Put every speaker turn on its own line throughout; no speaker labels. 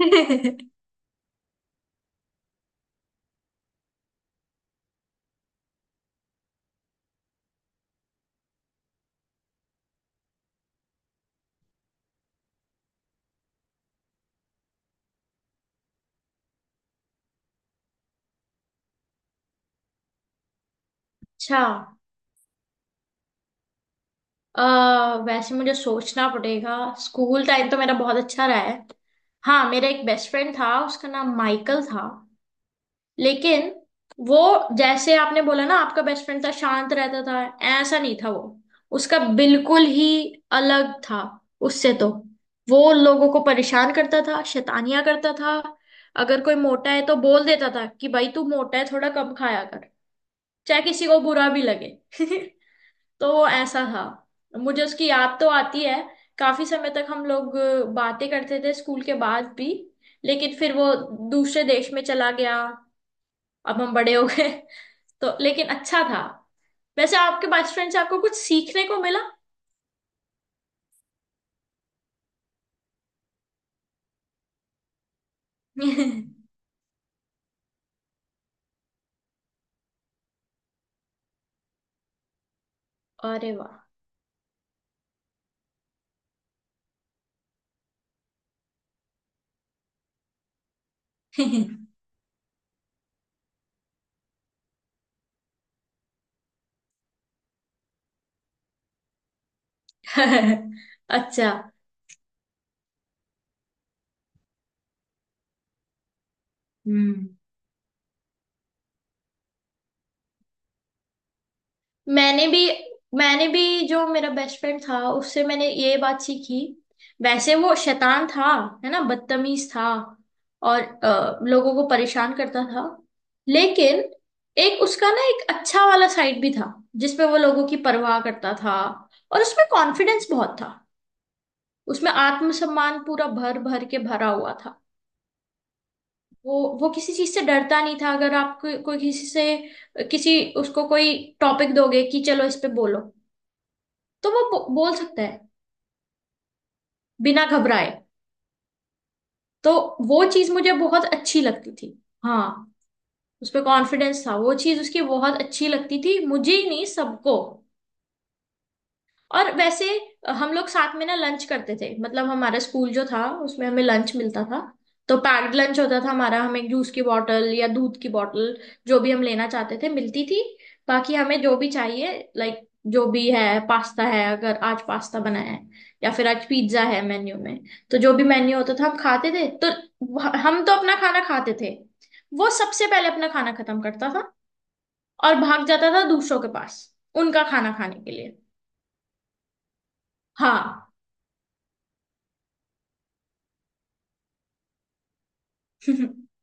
अच्छा। वैसे मुझे सोचना पड़ेगा। स्कूल टाइम तो मेरा बहुत अच्छा रहा है। हाँ, मेरा एक बेस्ट फ्रेंड था, उसका नाम माइकल था। लेकिन वो, जैसे आपने बोला ना आपका बेस्ट फ्रेंड था शांत रहता था, ऐसा नहीं था वो। उसका बिल्कुल ही अलग था उससे तो। वो लोगों को परेशान करता था, शैतानियां करता था। अगर कोई मोटा है तो बोल देता था कि भाई तू मोटा है, थोड़ा कम खाया कर, चाहे किसी को बुरा भी लगे। तो वो ऐसा था। मुझे उसकी याद तो आती है। काफी समय तक हम लोग बातें करते थे स्कूल के बाद भी। लेकिन फिर वो दूसरे देश में चला गया। अब हम बड़े हो गए। तो लेकिन अच्छा था। वैसे आपके बेस्ट फ्रेंड से आपको कुछ सीखने को मिला? अरे वाह। अच्छा। हम्म। मैंने भी मैंने भी जो मेरा बेस्ट फ्रेंड था उससे मैंने ये बात सीखी। वैसे वो शैतान था, है ना, बदतमीज था और लोगों को परेशान करता था। लेकिन एक उसका ना एक अच्छा वाला साइड भी था, जिसमें वो लोगों की परवाह करता था। और उसमें कॉन्फिडेंस बहुत था। उसमें आत्मसम्मान पूरा भर भर के भरा हुआ था। वो किसी चीज से डरता नहीं था। अगर आप कोई कोई किसी से किसी उसको कोई टॉपिक दोगे कि चलो इस पे बोलो, तो वो बोल सकता है, बिना घबराए। तो वो चीज मुझे बहुत अच्छी लगती थी। हाँ। उस पे कॉन्फिडेंस था, वो चीज उसकी बहुत अच्छी लगती थी, मुझे ही नहीं सबको। और वैसे, हम लोग साथ में ना लंच करते थे। मतलब हमारा स्कूल जो था उसमें हमें लंच मिलता था। तो पैक्ड लंच होता था हमारा। हमें जूस की बॉटल या दूध की बॉटल, जो भी हम लेना चाहते थे, मिलती थी। बाकी हमें जो भी चाहिए, लाइक, जो भी है, पास्ता है, अगर आज पास्ता बना है या फिर आज पिज्जा है मेन्यू में, तो जो भी मेन्यू होता था हम खाते थे। तो हम तो अपना खाना खाते थे, वो सबसे पहले अपना खाना खत्म करता था और भाग जाता था दूसरों के पास उनका खाना खाने के लिए। हाँ।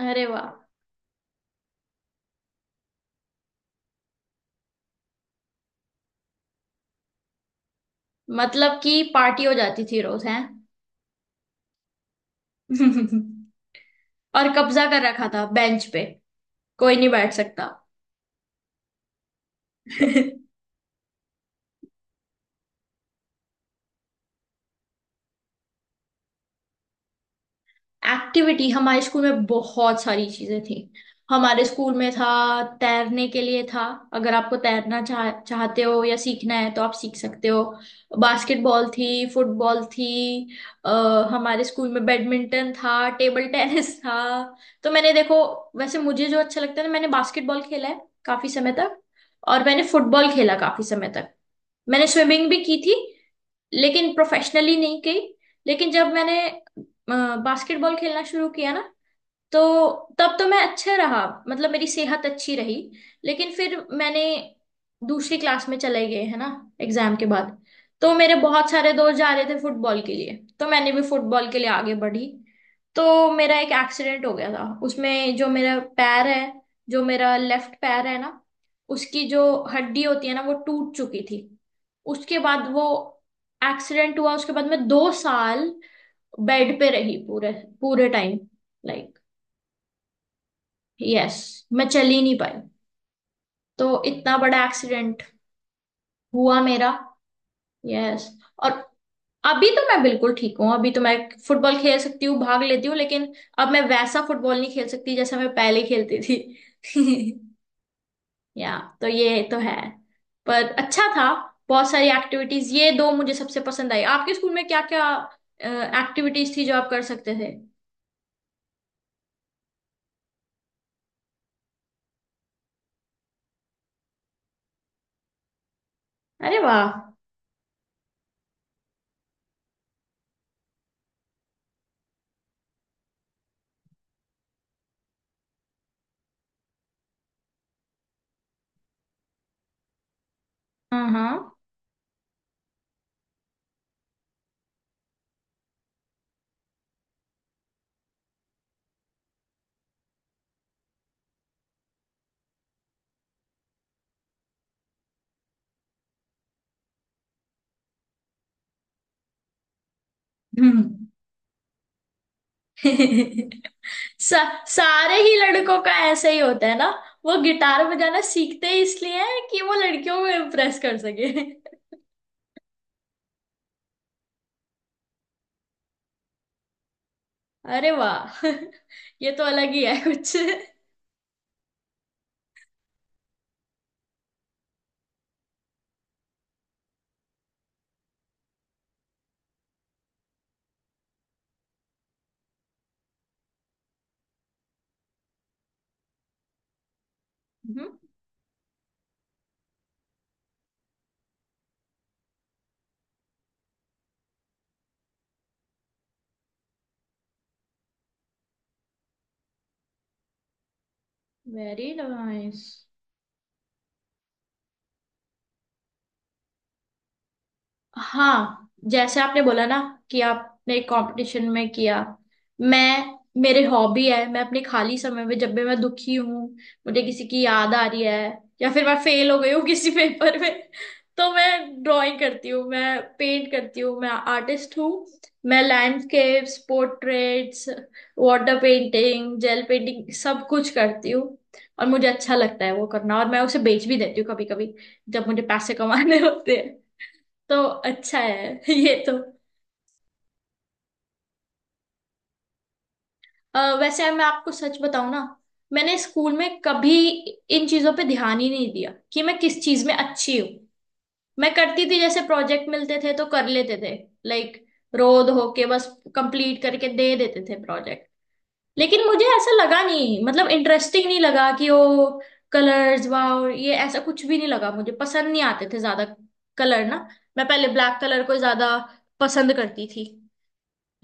अरे वाह। मतलब कि पार्टी हो जाती थी रोज हैं। और कब्जा कर रखा था बेंच पे, कोई नहीं बैठ सकता। एक्टिविटी हमारे स्कूल में बहुत सारी चीजें थी। हमारे स्कूल में था, तैरने के लिए था, अगर आपको तैरना चाहते हो या सीखना है तो आप सीख सकते हो। बास्केटबॉल थी, फुटबॉल थी, अ, हमारे स्कूल में बैडमिंटन था, टेबल टेनिस था। तो मैंने देखो, वैसे मुझे जो अच्छा लगता था, मैंने बास्केटबॉल खेला है काफी समय तक, और मैंने फुटबॉल खेला काफी समय तक। मैंने स्विमिंग भी की थी, लेकिन प्रोफेशनली नहीं की। लेकिन जब मैंने बास्केटबॉल खेलना शुरू किया ना, तो तब तो मैं अच्छा रहा, मतलब मेरी सेहत अच्छी रही। लेकिन फिर मैंने, दूसरी क्लास में चले गए है ना, एग्जाम के बाद, तो मेरे बहुत सारे दोस्त जा रहे थे फुटबॉल के लिए, तो मैंने भी फुटबॉल के लिए आगे बढ़ी। तो मेरा एक एक्सीडेंट हो गया था उसमें। जो मेरा पैर है, जो मेरा लेफ्ट पैर है ना, उसकी जो हड्डी होती है ना, वो टूट चुकी थी। उसके बाद वो एक्सीडेंट हुआ, उसके बाद मैं दो साल बेड पे रही, पूरे पूरे टाइम। यस। मैं चल ही नहीं पाई। तो इतना बड़ा एक्सीडेंट हुआ मेरा। यस। और अभी तो मैं बिल्कुल ठीक हूँ। अभी तो मैं फुटबॉल खेल सकती हूँ, भाग लेती हूँ, लेकिन अब मैं वैसा फुटबॉल नहीं खेल सकती जैसा मैं पहले खेलती थी। या तो ये तो है, पर अच्छा था। बहुत सारी एक्टिविटीज, ये दो मुझे सबसे पसंद आई। आपके स्कूल में क्या क्या एक्टिविटीज थी जो आप कर सकते थे? अरे वाह। हाँ हाँ। हम्म। सा, सारे ही लड़कों का ऐसे ही होता है ना, वो गिटार बजाना सीखते ही इसलिए हैं कि वो लड़कियों को इम्प्रेस कर सके। अरे वाह। ये तो अलग ही है कुछ। Very nice. हाँ, जैसे आपने बोला ना कि आपने कंपटीशन में किया। मैं, मेरे हॉबी है, मैं अपने खाली समय में, जब भी मैं दुखी हूँ, मुझे किसी की याद आ रही है, या फिर मैं फेल हो गई हूँ किसी पेपर में, तो मैं ड्राइंग करती हूँ, मैं पेंट करती हूँ, मैं आर्टिस्ट हूँ। मैं landscapes, portraits, water painting, gel painting, सब कुछ करती हूँ। और मुझे अच्छा लगता है वो करना, और मैं उसे बेच भी देती हूँ कभी कभी, जब मुझे पैसे कमाने होते। तो अच्छा है ये तो। वैसे मैं आपको सच बताऊं ना, मैंने स्कूल में कभी इन चीजों पे ध्यान ही नहीं दिया कि मैं किस चीज में अच्छी हूँ। मैं करती थी, जैसे प्रोजेक्ट मिलते थे तो कर लेते थे। लाइक, रोज होके बस कंप्लीट करके दे देते थे प्रोजेक्ट। लेकिन मुझे ऐसा लगा नहीं, मतलब इंटरेस्टिंग नहीं लगा कि ओ कलर्स वाओ, ये ऐसा कुछ भी नहीं लगा। मुझे पसंद नहीं आते थे ज्यादा कलर ना। मैं पहले ब्लैक कलर को ज्यादा पसंद करती थी।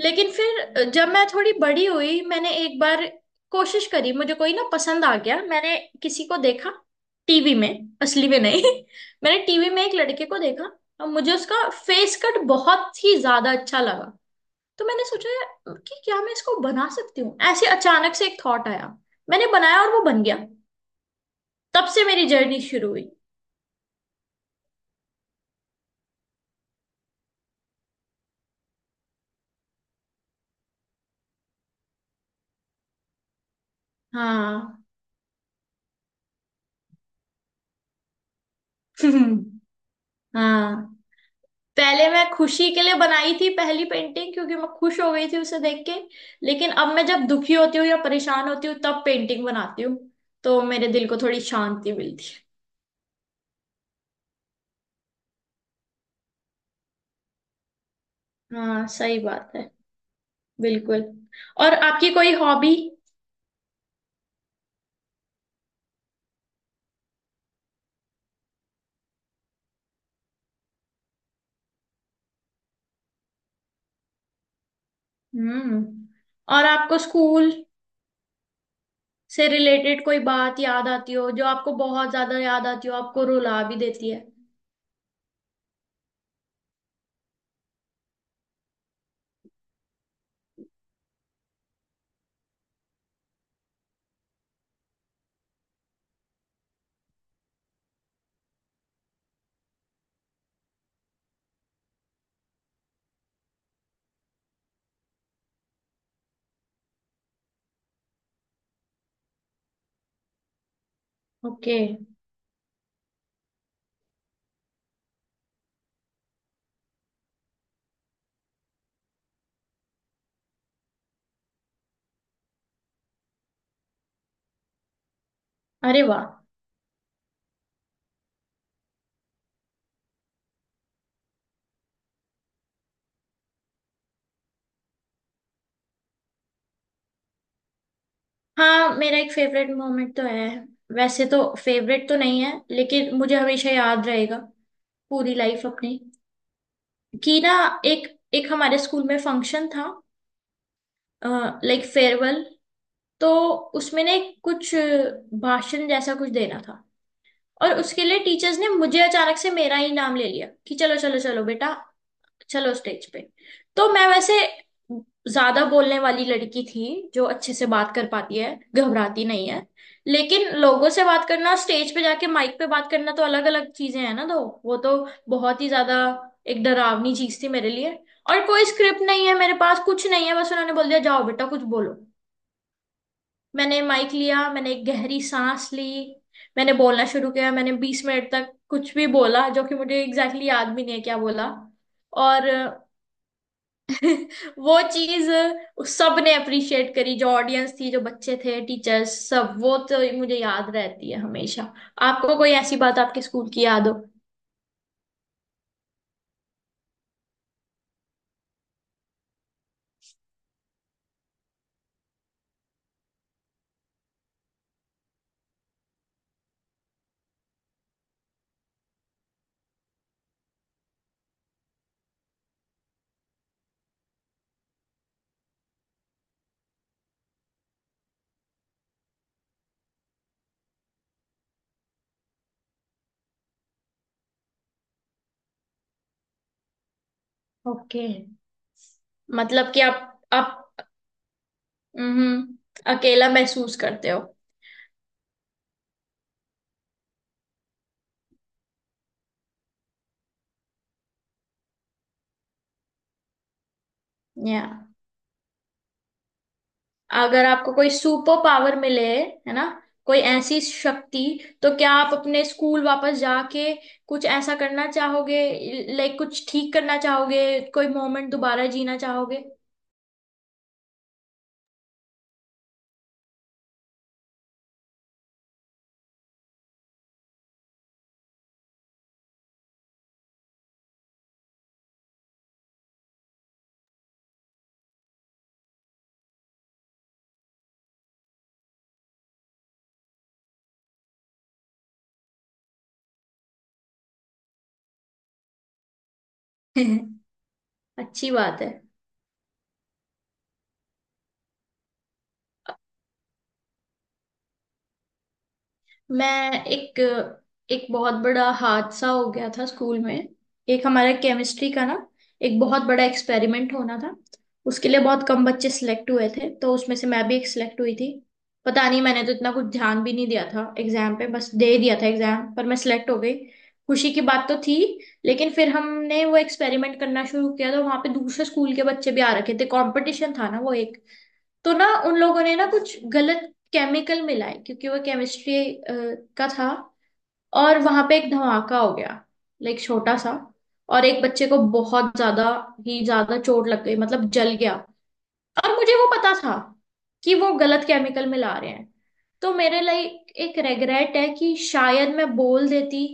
लेकिन फिर जब मैं थोड़ी बड़ी हुई, मैंने एक बार कोशिश करी, मुझे कोई ना पसंद आ गया, मैंने किसी को देखा टीवी में, असली में नहीं। मैंने टीवी में एक लड़के को देखा, और मुझे उसका फेस कट बहुत ही ज्यादा अच्छा लगा। तो मैंने सोचा कि क्या मैं इसको बना सकती हूँ, ऐसे अचानक से एक थॉट आया। मैंने बनाया और वो बन गया। तब से मेरी जर्नी शुरू हुई। हाँ। हाँ। पहले मैं खुशी के लिए बनाई थी पहली पेंटिंग, क्योंकि मैं खुश हो गई थी उसे देख के। लेकिन अब मैं जब दुखी होती हूँ या परेशान होती हूँ, तब पेंटिंग बनाती हूँ, तो मेरे दिल को थोड़ी शांति मिलती है। हाँ, सही बात है, बिल्कुल। और आपकी कोई हॉबी? हम्म। और आपको स्कूल से रिलेटेड कोई बात याद आती हो, जो आपको बहुत ज्यादा याद आती हो, आपको रुला भी देती है? ओके। अरे वाह। हाँ, मेरा एक फेवरेट मोमेंट तो है। वैसे तो फेवरेट तो नहीं है, लेकिन मुझे हमेशा याद रहेगा पूरी लाइफ अपनी, कि ना, एक एक हमारे स्कूल में फंक्शन था, लाइक फेयरवेल, तो उसमें ना एक कुछ भाषण जैसा कुछ देना था। और उसके लिए टीचर्स ने मुझे अचानक से, मेरा ही नाम ले लिया कि चलो चलो चलो बेटा, चलो स्टेज पे। तो मैं वैसे ज्यादा बोलने वाली लड़की थी जो अच्छे से बात कर पाती है, घबराती नहीं है। लेकिन लोगों से बात करना, स्टेज पे जाके माइक पे बात करना तो अलग अलग चीजें हैं ना। तो वो तो बहुत ही ज्यादा एक डरावनी चीज थी मेरे लिए। और कोई स्क्रिप्ट नहीं है मेरे पास, कुछ नहीं है, बस उन्होंने बोल दिया जाओ बेटा कुछ बोलो। मैंने माइक लिया, मैंने एक गहरी सांस ली, मैंने बोलना शुरू किया। मैंने 20 मिनट तक कुछ भी बोला, जो कि मुझे एग्जैक्टली exactly याद भी नहीं है क्या बोला। और वो चीज सबने अप्रिशिएट करी, जो ऑडियंस थी, जो बच्चे थे, टीचर्स, सब। वो तो मुझे याद रहती है हमेशा। आपको कोई ऐसी बात आपके स्कूल की याद हो? ओके। मतलब कि आप, हम्म, अकेला महसूस करते हो? या अगर आपको कोई सुपर पावर मिले है ना, कोई ऐसी शक्ति, तो क्या आप अपने स्कूल वापस जाके कुछ ऐसा करना चाहोगे, लाइक कुछ ठीक करना चाहोगे, कोई मोमेंट दोबारा जीना चाहोगे? अच्छी बात है। मैं एक, बहुत बड़ा हादसा हो गया था स्कूल में। एक हमारा केमिस्ट्री का ना, एक बहुत बड़ा एक्सपेरिमेंट होना था। उसके लिए बहुत कम बच्चे सिलेक्ट हुए थे, तो उसमें से मैं भी एक सिलेक्ट हुई थी। पता नहीं, मैंने तो इतना कुछ ध्यान भी नहीं दिया था एग्जाम पे, बस दे दिया था एग्जाम, पर मैं सिलेक्ट हो गई। खुशी की बात तो थी। लेकिन फिर हमने वो एक्सपेरिमेंट करना शुरू किया, तो वहां पे दूसरे स्कूल के बच्चे भी आ रखे थे, कंपटीशन था ना वो एक। तो ना उन लोगों ने ना कुछ गलत केमिकल मिलाए, क्योंकि वो केमिस्ट्री का था। और वहां पे एक धमाका हो गया, लाइक छोटा सा। और एक बच्चे को बहुत ज्यादा ही ज्यादा चोट लग गई, मतलब जल गया। और मुझे वो पता था कि वो गलत केमिकल मिला रहे हैं। तो मेरे लिए एक रेग्रेट है कि शायद मैं बोल देती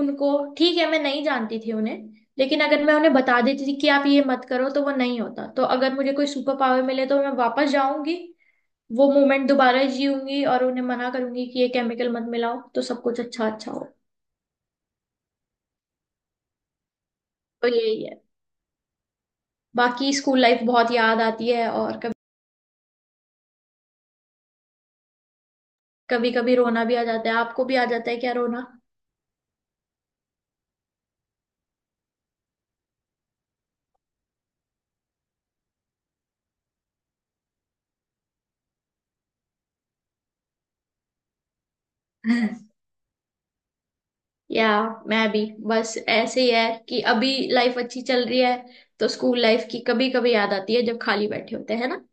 उनको। ठीक है, मैं नहीं जानती थी उन्हें, लेकिन अगर मैं उन्हें बता देती थी कि आप ये मत करो तो वो नहीं होता। तो अगर मुझे कोई सुपर पावर मिले, तो मैं वापस जाऊंगी, वो मोमेंट दोबारा जीऊंगी और उन्हें मना करूंगी कि ये केमिकल मत मिलाओ, तो सब कुछ अच्छा अच्छा हो। तो यही है। बाकी स्कूल लाइफ बहुत याद आती है, और कभी, कभी कभी रोना भी आ जाता है। आपको भी आ जाता है क्या रोना? या, मैं भी, बस ऐसे ही है कि अभी लाइफ अच्छी चल रही है, तो स्कूल लाइफ की कभी कभी याद आती है, जब खाली बैठे होते हैं ना।